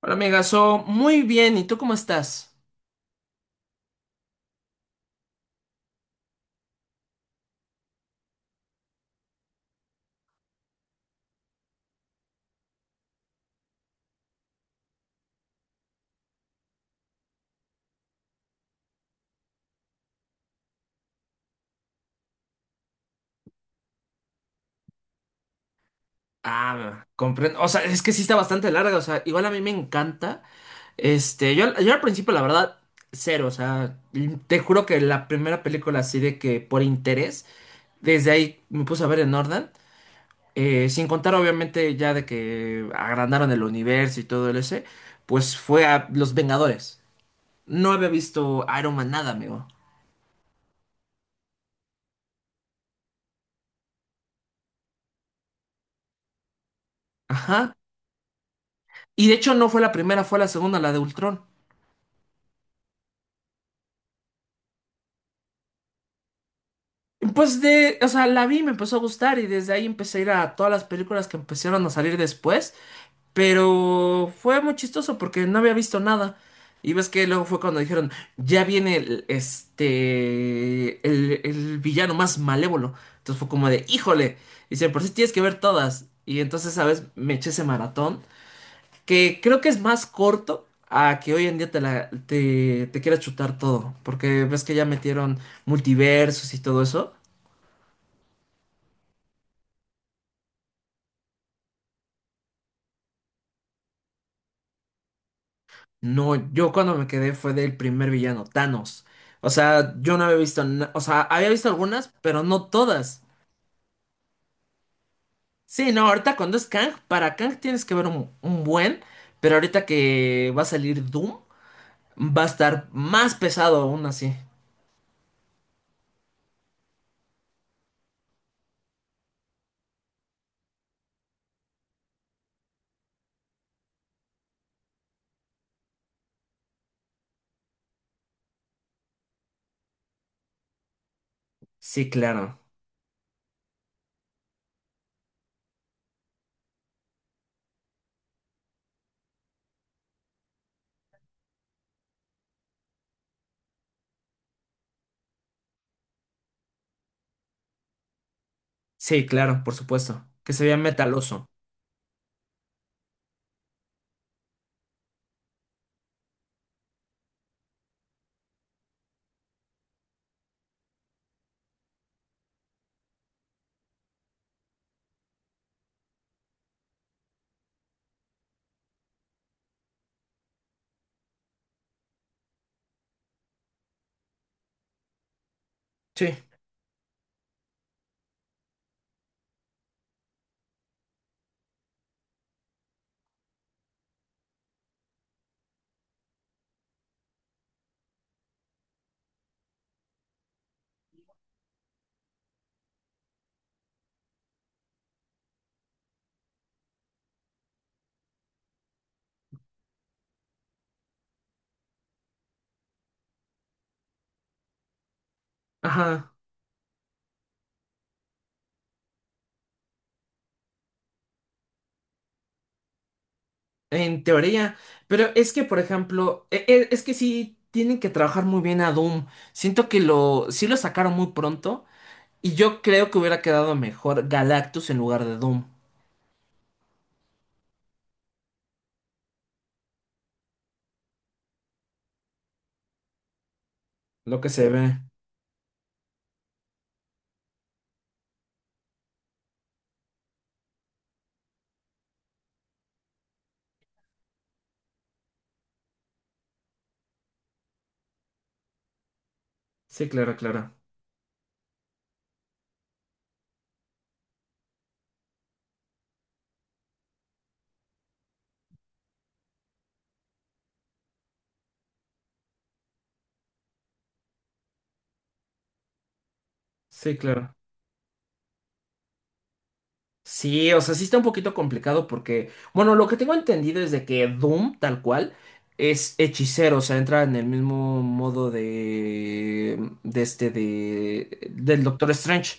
Hola, amiga, muy bien. ¿Y tú cómo estás? Ah, comprendo. O sea, es que sí está bastante larga. O sea, igual a mí me encanta. Yo al principio, la verdad, cero. O sea, te juro que la primera película así de que por interés, desde ahí me puse a ver en orden. Sin contar, obviamente, ya de que agrandaron el universo y todo el ese, pues fue a Los Vengadores. No había visto Iron Man nada, amigo. Ajá. Y de hecho, no fue la primera, fue la segunda, la de Ultron. Pues de, o sea, la vi, me empezó a gustar y desde ahí empecé a ir a todas las películas que empezaron a salir después, pero fue muy chistoso porque no había visto nada. Y ves que luego fue cuando dijeron, ya viene el villano más malévolo. Entonces fue como de, híjole, dice, por si tienes que ver todas. Y entonces, ¿sabes? Me eché ese maratón, que creo que es más corto a que hoy en día te, la, te quieras chutar todo, porque ves que ya metieron multiversos y todo eso. No, yo cuando me quedé fue del primer villano, Thanos. O sea, yo no había visto, na- o sea, había visto algunas, pero no todas. Sí, no, ahorita cuando es Kang, para Kang tienes que ver un buen, pero ahorita que va a salir Doom, va a estar más pesado aún así. Sí, claro. Sí, claro, por supuesto. Que se vea metaloso. Sí. Ajá, en teoría. Pero es que, por ejemplo, es que sí tienen que trabajar muy bien a Doom. Siento que lo, sí lo sacaron muy pronto. Y yo creo que hubiera quedado mejor Galactus en lugar de Doom. Lo que se ve. Sí, claro, claro. Sí, claro. Sí, o sea, sí está un poquito complicado porque, bueno, lo que tengo entendido es de que Doom, tal cual, es hechicero, o sea, entra en el mismo modo del Doctor Strange.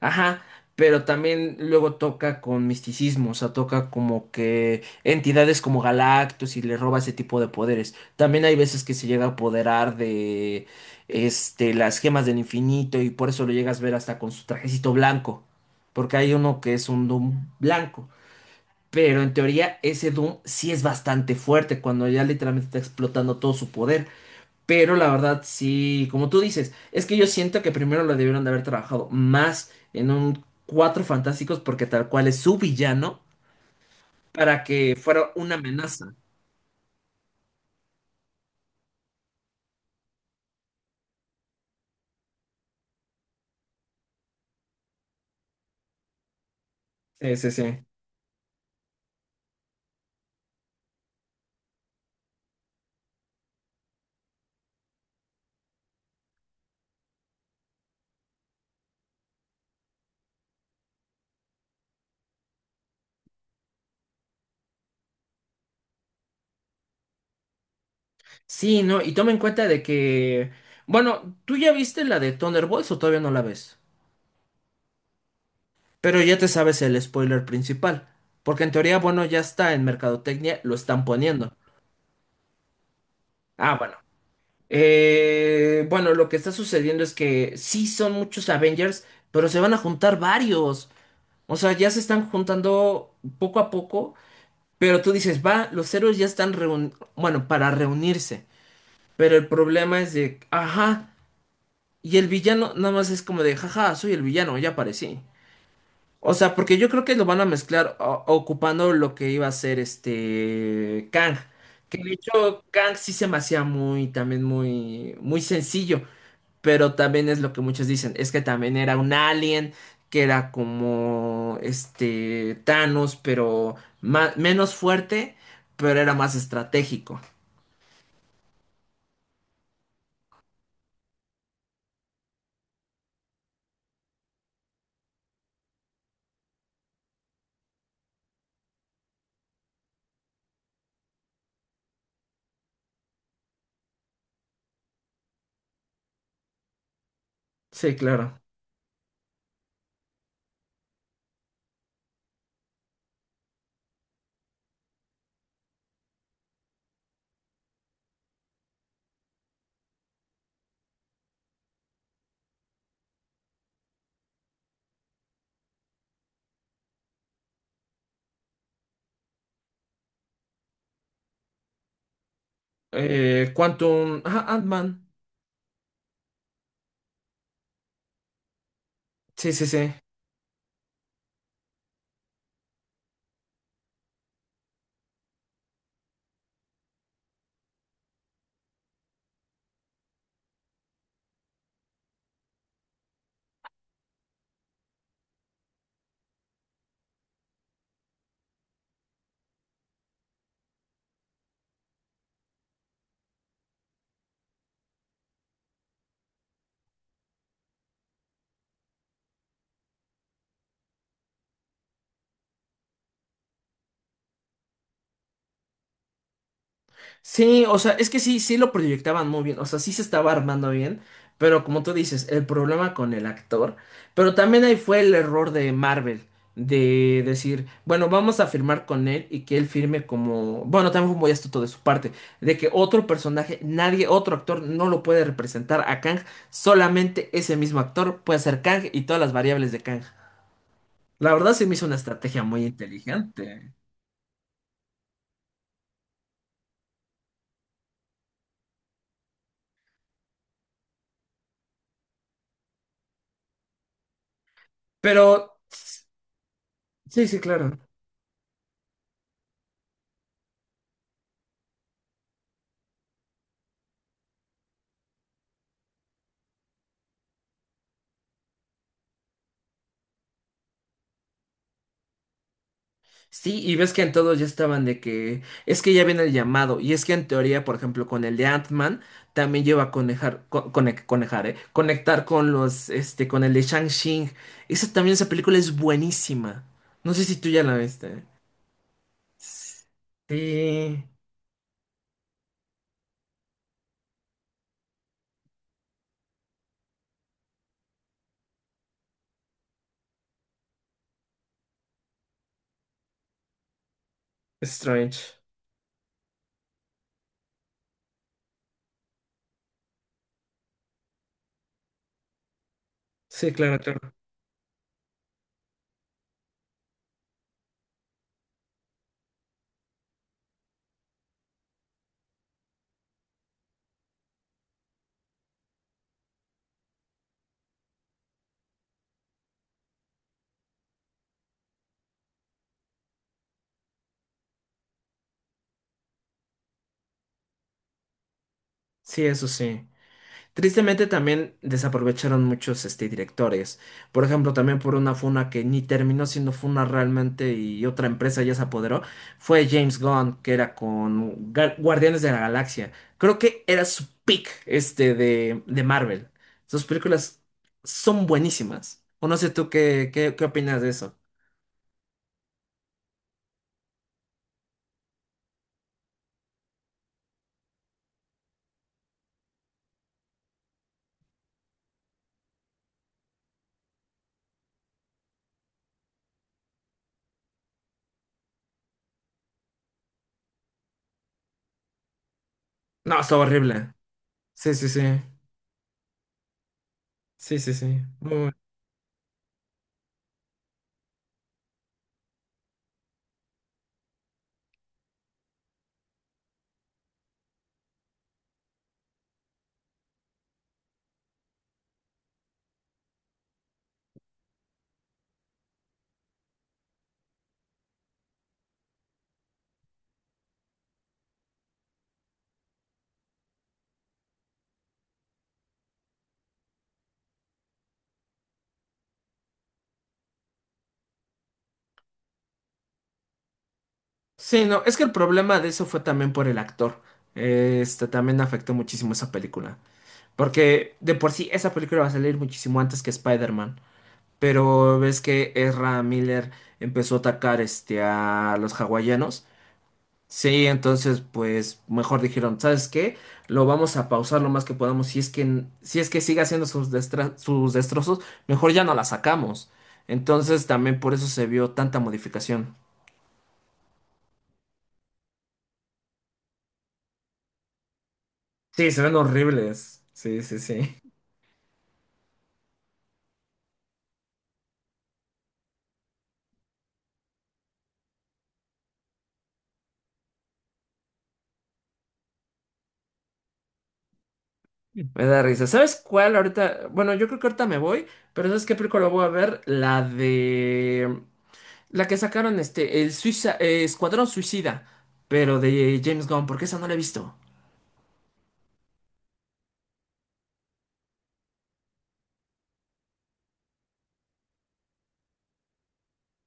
Ajá, pero también luego toca con misticismo, o sea, toca como que entidades como Galactus y le roba ese tipo de poderes. También hay veces que se llega a apoderar de, este, las gemas del infinito y por eso lo llegas a ver hasta con su trajecito blanco porque hay uno que es un Doom blanco. Pero en teoría ese Doom sí es bastante fuerte cuando ya literalmente está explotando todo su poder. Pero la verdad sí, como tú dices, es que yo siento que primero lo debieron de haber trabajado más en un Cuatro Fantásticos porque tal cual es su villano para que fuera una amenaza. Sí, sí, sí. Sí, no, y toma en cuenta de que, bueno, ¿tú ya viste la de Thunderbolts o todavía no la ves? Pero ya te sabes el spoiler principal, porque en teoría, bueno, ya está en Mercadotecnia, lo están poniendo. Ah, bueno. Bueno, lo que está sucediendo es que sí son muchos Avengers, pero se van a juntar varios. O sea, ya se están juntando poco a poco, pero tú dices, va, los héroes ya están reun- bueno, para reunirse. Pero el problema es de, ajá, y el villano nada más es como de, jaja, soy el villano, ya aparecí. O sea, porque yo creo que lo van a mezclar o- ocupando lo que iba a ser este Kang. Que de hecho Kang sí se me hacía muy, también muy, muy sencillo. Pero también es lo que muchos dicen, es que también era un alien, que era como este Thanos, pero ma- menos fuerte, pero era más estratégico. Sí, claro. Quantum, ajá, Ant-Man. Sí, sí, sí. Sí, o sea, es que sí, sí lo proyectaban muy bien, o sea, sí se estaba armando bien, pero como tú dices, el problema con el actor, pero también ahí fue el error de Marvel, de decir, bueno, vamos a firmar con él y que él firme como, bueno, también fue muy astuto de su parte, de que otro personaje, nadie, otro actor no lo puede representar a Kang, solamente ese mismo actor puede ser Kang y todas las variables de Kang. La verdad se me hizo una estrategia muy inteligente, pero... Sí, sí, claro. Sí, y ves que en todos ya estaban de que es que ya viene el llamado, y es que en teoría, por ejemplo, con el de Ant-Man también lleva a conejar, co- cone- conejar, conectar con los, este, con el de Shang-Chi. Esa también, esa película es buenísima. No sé si tú ya la viste. Sí, Strange. Sí, claro, claro. Sí, eso sí. Tristemente también desaprovecharon muchos este, directores. Por ejemplo, también por una funa que ni terminó siendo funa realmente y otra empresa ya se apoderó, fue James Gunn, que era con Ga- Guardianes de la Galaxia. Creo que era su pick este, de Marvel. Sus películas son buenísimas. O no sé tú qué opinas de eso. No, está horrible. Sí, sí, sí. Sí, sí, sí. Sí, no, es que el problema de eso fue también por el actor. Este también afectó muchísimo esa película. Porque de por sí esa película va a salir muchísimo antes que Spider-Man. Pero ves que Ezra Miller empezó a atacar este, a los hawaianos. Sí, entonces pues mejor dijeron, ¿sabes qué? Lo vamos a pausar lo más que podamos. Si es que sigue haciendo sus, destra- sus destrozos, mejor ya no la sacamos. Entonces también por eso se vio tanta modificación. Sí, se ven horribles. Sí, sí, sí. Me da risa. ¿Sabes cuál ahorita? Bueno, yo creo que ahorita me voy, pero ¿sabes qué película voy a ver? La de... La que sacaron este, el Suiza, Escuadrón Suicida, pero de James Gunn, porque esa no la he visto.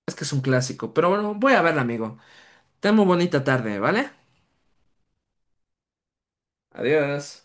Es que es un clásico, pero bueno, voy a verla, amigo. Ten muy bonita tarde, ¿vale? Adiós.